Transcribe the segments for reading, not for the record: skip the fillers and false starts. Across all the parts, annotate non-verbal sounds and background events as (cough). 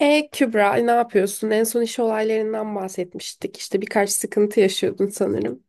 Kübra, ne yapıyorsun? En son iş olaylarından bahsetmiştik. İşte birkaç sıkıntı yaşıyordun sanırım.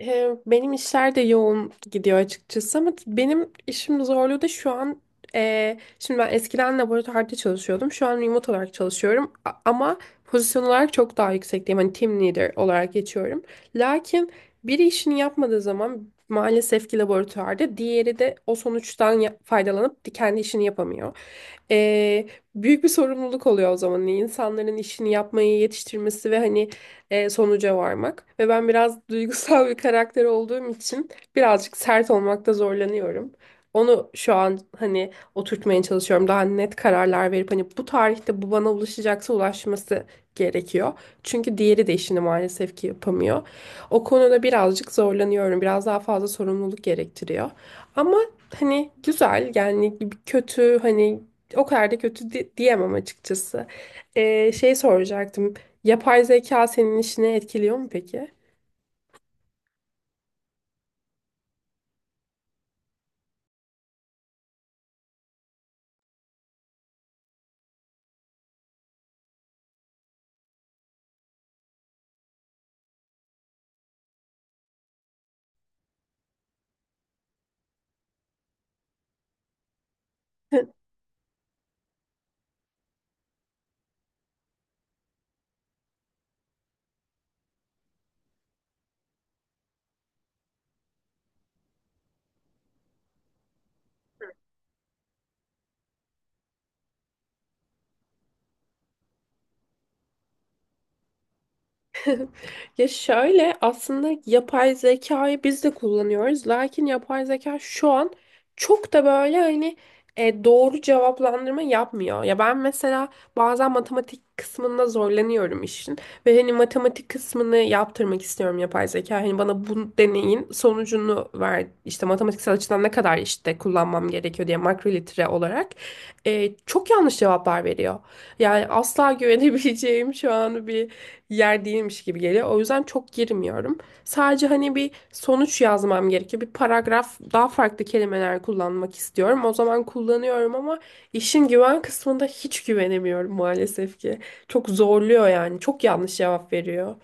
Benim işler de yoğun gidiyor açıkçası ama benim işim zorluğu da şu an şimdi ben eskiden laboratuvarda çalışıyordum. Şu an remote olarak çalışıyorum ama pozisyon olarak çok daha yüksekteyim. Hani team leader olarak geçiyorum. Lakin biri işini yapmadığı zaman maalesef ki laboratuvarda diğeri de o sonuçtan faydalanıp kendi işini yapamıyor. Ee, Büyük bir sorumluluk oluyor o zaman insanların işini yapmayı yetiştirmesi ve hani sonuca varmak. Ve ben biraz (laughs) duygusal bir karakter olduğum için birazcık sert olmakta zorlanıyorum. Onu şu an hani oturtmaya çalışıyorum. Daha net kararlar verip hani bu tarihte bu bana ulaşacaksa ulaşması gerekiyor. Çünkü diğeri de işini maalesef ki yapamıyor. O konuda birazcık zorlanıyorum. Biraz daha fazla sorumluluk gerektiriyor. Ama hani güzel yani kötü hani o kadar da kötü diyemem açıkçası. Şey soracaktım. Yapay zeka senin işini etkiliyor mu peki? (laughs) Ya şöyle aslında yapay zekayı biz de kullanıyoruz. Lakin yapay zeka şu an çok da böyle hani doğru cevaplandırma yapmıyor. Ya ben mesela bazen matematik kısmında zorlanıyorum işin. Ve hani matematik kısmını yaptırmak istiyorum yapay zeka. Hani bana bu deneyin sonucunu ver. İşte matematiksel açıdan ne kadar işte kullanmam gerekiyor diye makrolitre olarak. Çok yanlış cevaplar veriyor. Yani asla (laughs) güvenebileceğim şu an bir yer değilmiş gibi geliyor. O yüzden çok girmiyorum. Sadece hani bir sonuç yazmam gerekiyor. Bir paragraf daha farklı kelimeler kullanmak istiyorum. O zaman kullanıyorum ama işin güven kısmında hiç güvenemiyorum maalesef ki. Çok zorluyor yani. Çok yanlış cevap veriyor.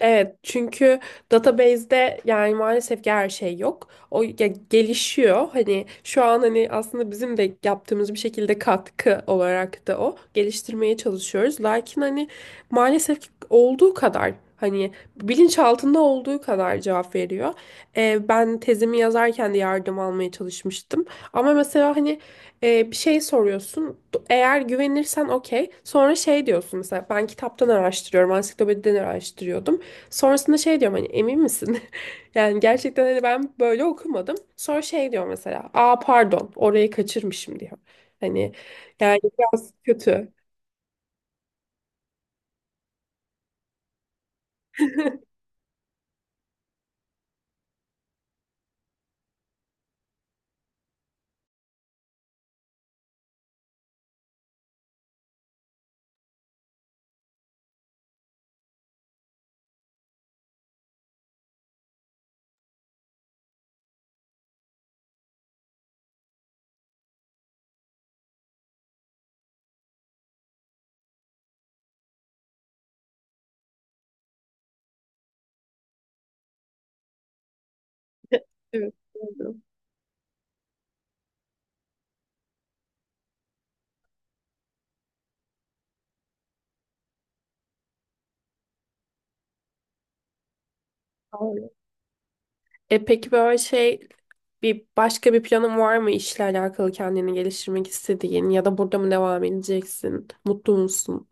Evet, çünkü database'de yani maalesef ki her şey yok. O ya gelişiyor. Hani şu an hani aslında bizim de yaptığımız bir şekilde katkı olarak da o geliştirmeye çalışıyoruz. Lakin hani maalesef ki olduğu kadar hani bilinçaltında olduğu kadar cevap veriyor. Ben tezimi yazarken de yardım almaya çalışmıştım. Ama mesela hani bir şey soruyorsun. Eğer güvenirsen okey. Sonra şey diyorsun mesela ben kitaptan araştırıyorum, ansiklopediden araştırıyordum. Sonrasında şey diyorum hani emin misin? (laughs) Yani gerçekten hani ben böyle okumadım. Sonra şey diyor mesela. Aa pardon orayı kaçırmışım diyor. Hani yani biraz kötü. Evet, doğru. Doğru. Peki böyle şey bir başka bir planın var mı işle alakalı kendini geliştirmek istediğin ya da burada mı devam edeceksin? Mutlu musun?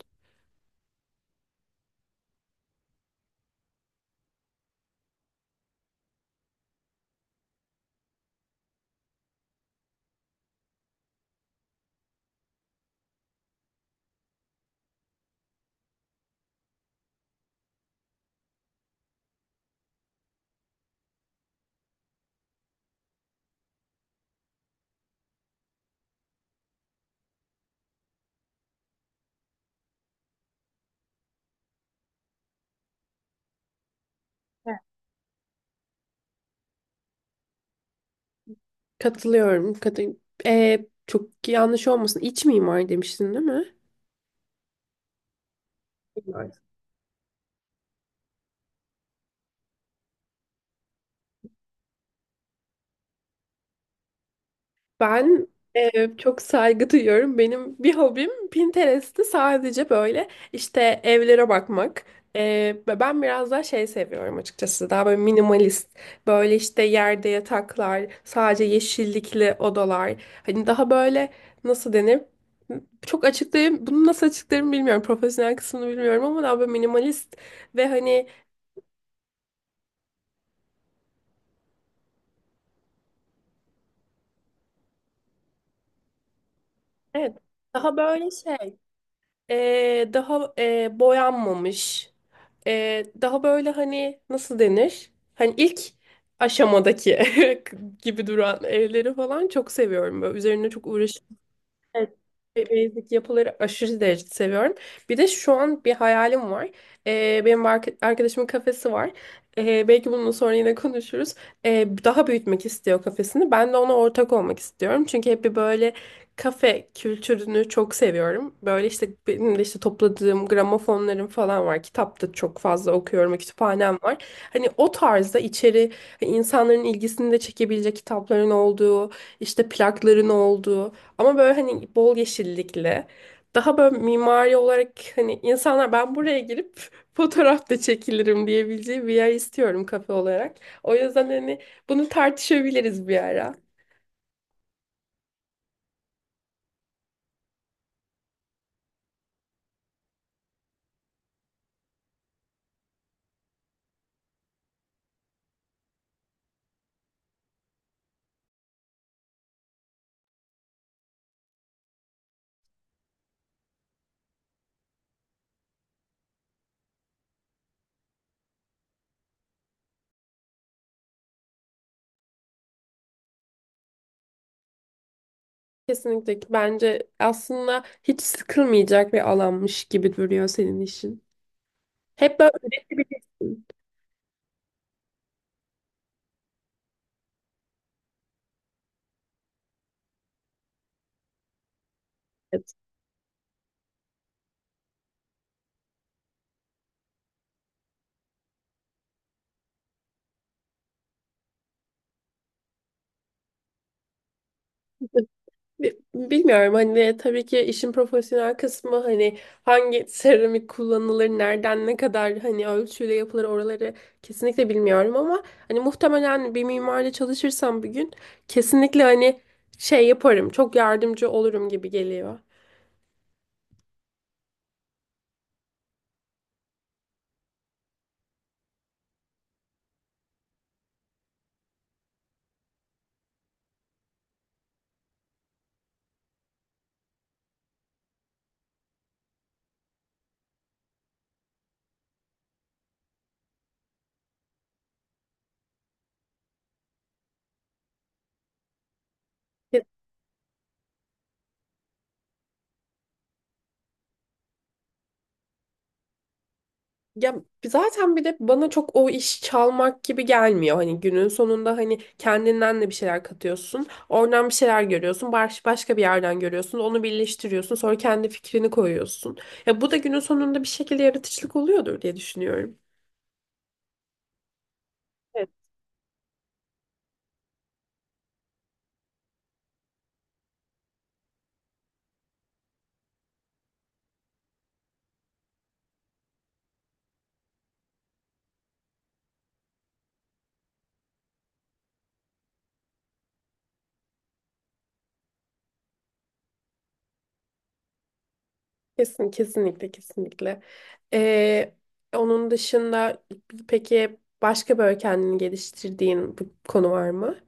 Evet. Katılıyorum. Çok yanlış olmasın. İç mimar demiştin değil mi? Ben çok saygı duyuyorum. Benim bir hobim Pinterest'te sadece böyle işte evlere bakmak. E, Ve ben biraz daha şey seviyorum açıkçası. Daha böyle minimalist. Böyle işte yerde yataklar, sadece yeşillikli odalar. Hani daha böyle nasıl denir? Çok açıklayayım. Bunu nasıl açıklarım bilmiyorum. Profesyonel kısmını bilmiyorum ama daha böyle minimalist ve hani evet daha böyle şey. Daha boyanmamış. Daha böyle hani nasıl denir? Hani ilk aşamadaki (laughs) gibi duran evleri falan çok seviyorum. Böyle üzerine çok evet, basic yapıları aşırı derecede seviyorum. Bir de şu an bir hayalim var. Benim arkadaşımın kafesi var. Belki bununla sonra yine konuşuruz. Daha büyütmek istiyor kafesini. Ben de ona ortak olmak istiyorum. Çünkü hep bir böyle kafe kültürünü çok seviyorum. Böyle işte benim de işte topladığım gramofonlarım falan var. Kitap da çok fazla okuyorum. Kütüphanem var. Hani o tarzda içeri hani insanların ilgisini de çekebilecek kitapların olduğu, işte plakların olduğu. Ama böyle hani bol yeşillikli. Daha böyle mimari olarak hani insanlar ben buraya girip (laughs) fotoğraf da çekilirim diyebileceği bir yer istiyorum kafe olarak. O yüzden hani bunu tartışabiliriz bir ara. Kesinlikle ki bence aslında hiç sıkılmayacak bir alanmış gibi duruyor senin işin. Hep böyle üretebilirsin. Evet. (laughs) Bilmiyorum hani ve tabii ki işin profesyonel kısmı hani hangi seramik kullanılır, nereden ne kadar hani ölçüyle yapılır oraları kesinlikle bilmiyorum ama hani muhtemelen bir mimarla çalışırsam bir gün kesinlikle hani şey yaparım, çok yardımcı olurum gibi geliyor. Ya zaten bir de bana çok o iş çalmak gibi gelmiyor. Hani günün sonunda hani kendinden de bir şeyler katıyorsun. Oradan bir şeyler görüyorsun. Başka bir yerden görüyorsun. Onu birleştiriyorsun. Sonra kendi fikrini koyuyorsun. Ya bu da günün sonunda bir şekilde yaratıcılık oluyordur diye düşünüyorum. Evet. Kesinlikle, kesinlikle. Ee, Onun dışında peki başka böyle kendini geliştirdiğin bir konu var mı?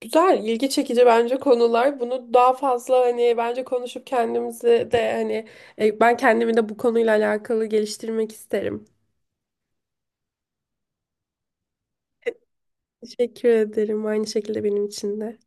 Güzel, ilgi çekici bence konular. Bunu daha fazla hani bence konuşup kendimizi de hani ben kendimi de bu konuyla alakalı geliştirmek isterim. Teşekkür ederim. Aynı şekilde benim için de.